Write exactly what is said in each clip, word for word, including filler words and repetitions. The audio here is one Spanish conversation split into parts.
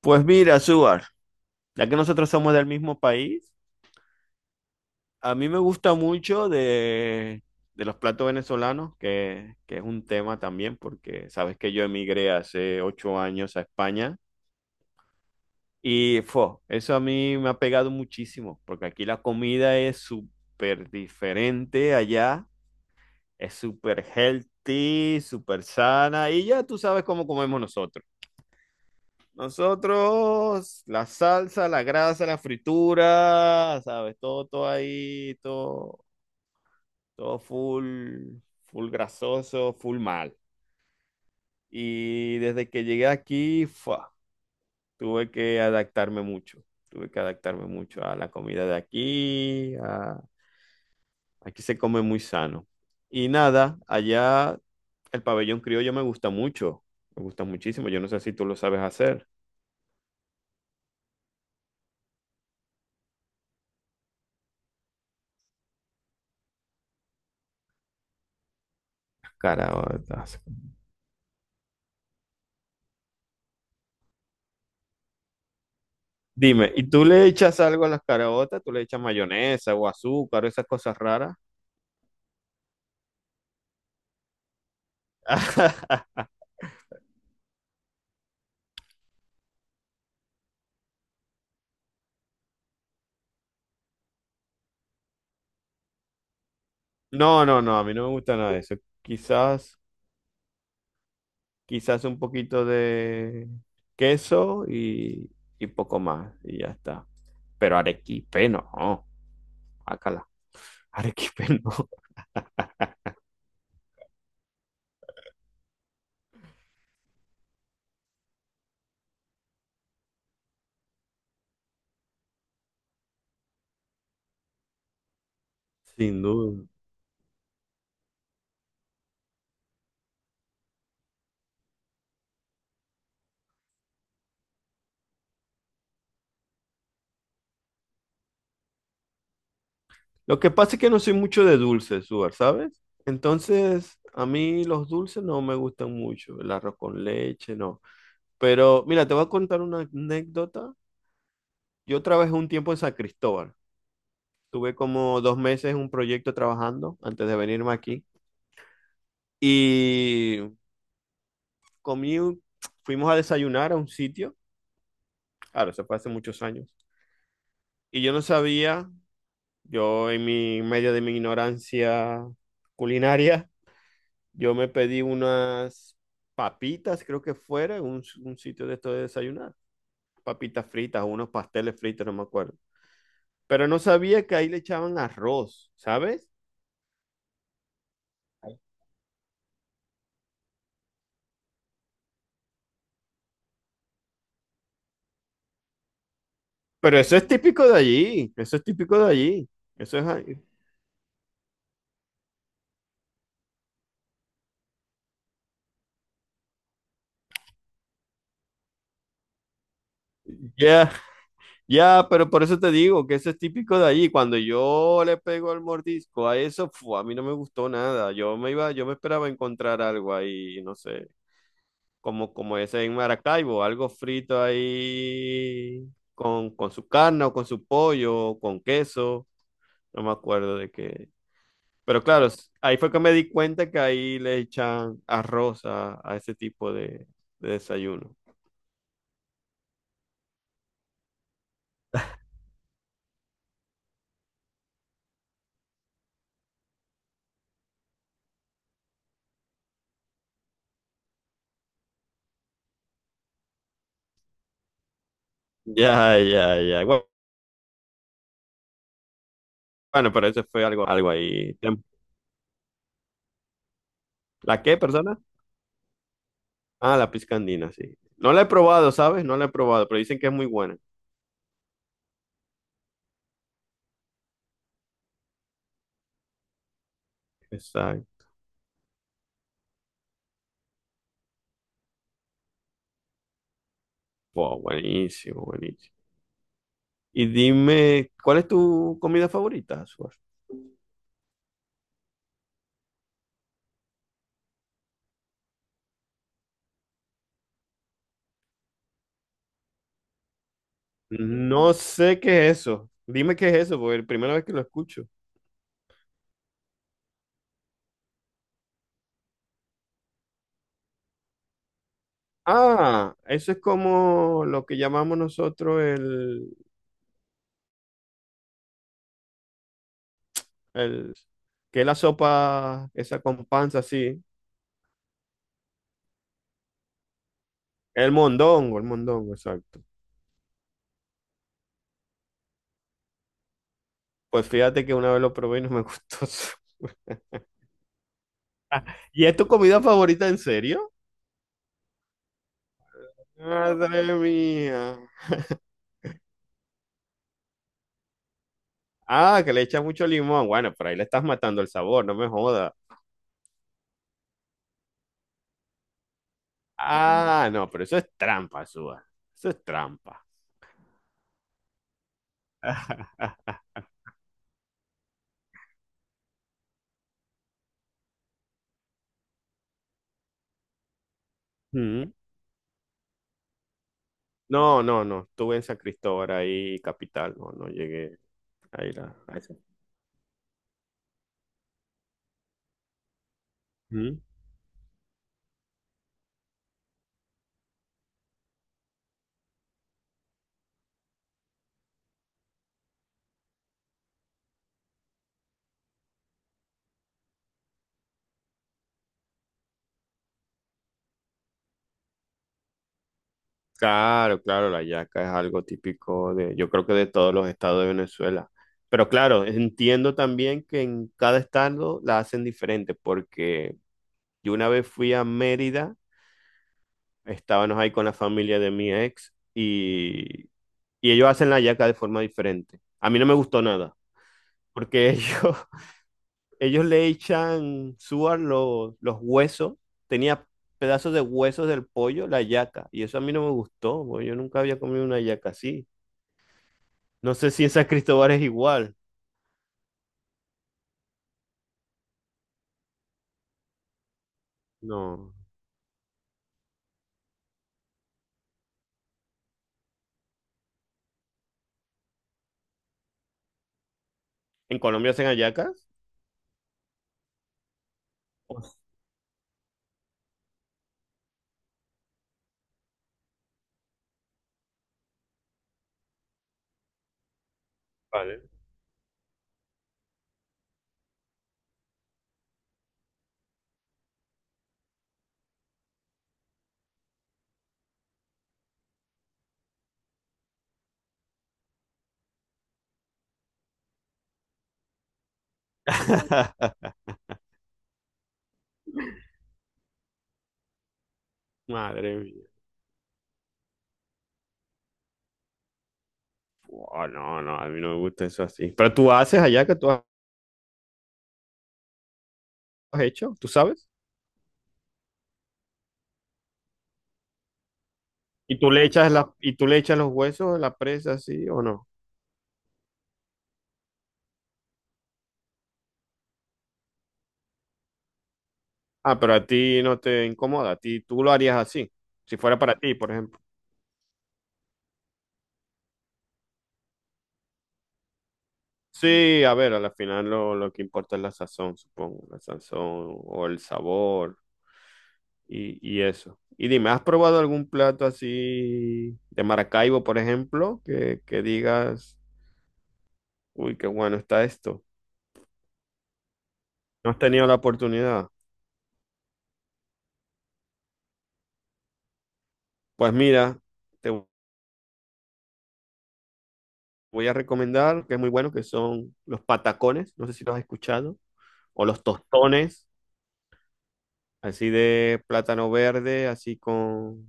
Pues mira, Suar, ya que nosotros somos del mismo país, a mí me gusta mucho de, de los platos venezolanos, que, que es un tema también, porque sabes que yo emigré hace ocho años a España y fo, eso a mí me ha pegado muchísimo, porque aquí la comida es súper diferente allá, es súper healthy, súper sana y ya tú sabes cómo comemos nosotros. Nosotros, la salsa, la grasa, la fritura, ¿sabes? Todo, todo ahí, todo, todo full, full grasoso, full mal. Y desde que llegué aquí, fua, tuve que adaptarme mucho. Tuve que adaptarme mucho a la comida de aquí. a- Aquí se come muy sano. Y nada, allá el pabellón criollo me gusta mucho. Me gusta muchísimo. Yo no sé si tú lo sabes hacer. Caraota. Dime, ¿y tú le echas algo a las caraotas? ¿Tú le echas mayonesa o azúcar o esas cosas raras? No, no, no, a mí no me gusta nada de eso. Quizás, quizás un poquito de queso y, y poco más, y ya está. Pero arequipe no, acala. Arequipe no, sin duda. Lo que pasa es que no soy mucho de dulces, Suar, ¿sabes? Entonces, a mí los dulces no me gustan mucho. El arroz con leche, no. Pero mira, te voy a contar una anécdota. Yo trabajé un tiempo en San Cristóbal. Tuve como dos meses en un proyecto trabajando antes de venirme aquí. Y comí, un- fuimos a desayunar a un sitio. Claro, eso fue hace muchos años. Y yo no sabía, yo en mi en medio de mi ignorancia culinaria, yo me pedí unas papitas, creo que fuera, en un, un sitio de esto de desayunar. Papitas fritas, unos pasteles fritos, no me acuerdo, pero no sabía que ahí le echaban arroz, ¿sabes? Pero eso es típico de allí, eso es típico de allí, eso es... ahí. Ya, ya, pero por eso te digo que eso es típico de allí. Cuando yo le pego el mordisco a eso, fu, a mí no me gustó nada. Yo me iba, yo me esperaba encontrar algo ahí, no sé, como, como ese en Maracaibo, algo frito ahí con, con su carne o con su pollo, o con queso. No me acuerdo de qué. Pero claro, s- ahí fue que me di cuenta que ahí le echan arroz a, a ese tipo de, de desayuno. Ya, ya, ya. Gua- Bueno, pero eso fue algo, algo ahí. Tem- ¿La qué, persona? Ah, la pizca andina, sí. No la he probado, ¿sabes? No la he probado, pero dicen que es muy buena. Exacto. Wow, buenísimo, buenísimo. Y dime, ¿cuál es tu comida favorita, Suar? No sé qué es eso. Dime qué es eso, porque es la primera vez que lo escucho. Ah, eso es como lo que llamamos nosotros el, el, que es la sopa esa con panza así. El mondongo, el mondongo, exacto. Pues fíjate que una vez lo probé y no me gustó. ¿Y es tu comida favorita en serio? Madre mía. Ah, que le echa mucho limón. Bueno, pero ahí le estás matando el sabor, no me jodas. Ah, no, pero eso es trampa, Suba. Eso es trampa. Mm. No, no, no. Estuve en San Cristóbal ahí, capital. No, no llegué a ir a, a eso. Mm. Claro, claro, la yaca es algo típico de, yo creo que de todos los estados de Venezuela. Pero claro, entiendo también que en cada estado la hacen diferente, porque yo una vez fui a Mérida, estábamos ahí con la familia de mi ex y, y ellos hacen la yaca de forma diferente. A mí no me gustó nada, porque ellos, ellos le echan suar los, los huesos, tenía pedazos de huesos del pollo, la yaca, y eso a mí no me gustó, porque yo nunca había comido una yaca así. No sé si en San Cristóbal es igual. No. ¿En Colombia hacen hallacas? Pues, vale. Madre mía. Buah, no, no, a mí no me gusta eso así. Pero tú haces hallaca, tú has hecho, tú sabes. Y tú le echas la, y tú le echas los huesos a la presa así o no. Ah, pero a ti no te incomoda, a ti tú lo harías así, si fuera para ti, por ejemplo. Sí, a ver, al final lo, lo que importa es la sazón, supongo, la sazón o el sabor, y, y eso. Y dime, ¿has probado algún plato así de Maracaibo, por ejemplo, que, que digas, uy, qué bueno está esto? ¿No has tenido la oportunidad? Pues mira, te voy a recomendar, que es muy bueno, que son los patacones, no sé si los has escuchado, o los tostones, así de plátano verde, así con,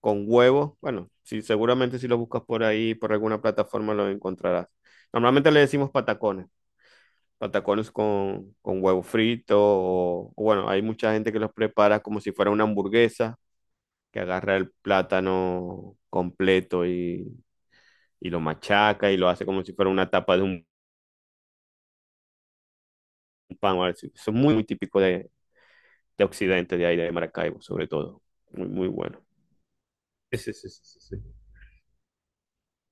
con huevo. Bueno, sí, seguramente si lo buscas por ahí, por alguna plataforma, lo encontrarás. Normalmente le decimos patacones. Patacones con, con huevo frito, o, o bueno, hay mucha gente que los prepara como si fuera una hamburguesa, que agarra el plátano completo y, y lo machaca y lo hace como si fuera una tapa de un pan, o algo así. Eso es muy, muy típico de, de Occidente, de ahí, de Maracaibo, sobre todo. Muy, muy bueno. Sí, sí, sí, sí, sí, sí.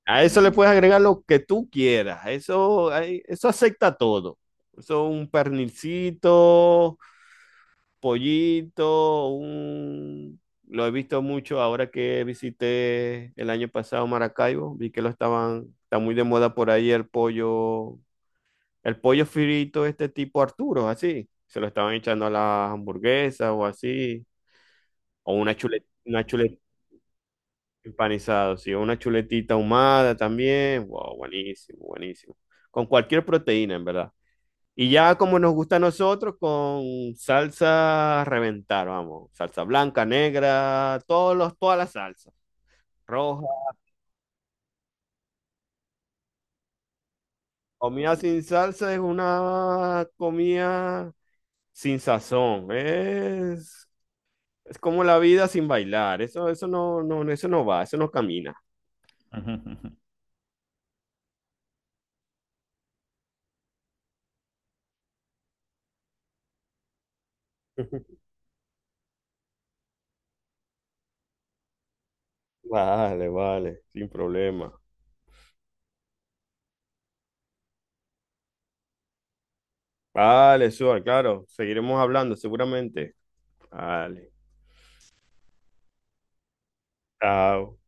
A eso le puedes agregar lo que tú quieras. Eso, ahí- eso acepta todo. Eso un pernilcito, pollito, un... Lo he visto mucho ahora que visité el año pasado Maracaibo, vi que lo estaban, está muy de moda por ahí el pollo, el pollo frito este tipo Arturo, así, se lo estaban echando a las hamburguesas o así, o una chuleta, una chuleta empanizada, sí, o una chuletita ahumada también, wow, buenísimo, buenísimo, con cualquier proteína, en verdad. Y ya como nos gusta a nosotros, con salsa a reventar, vamos. Salsa blanca, negra, todos los, todas las salsas. Roja. Comida sin salsa es una comida sin sazón. Es, es como la vida sin bailar. Eso, eso no, no, eso no va, eso no camina. Vale, vale, sin problema. Vale, Suar, claro. Seguiremos hablando seguramente. Vale. Chao.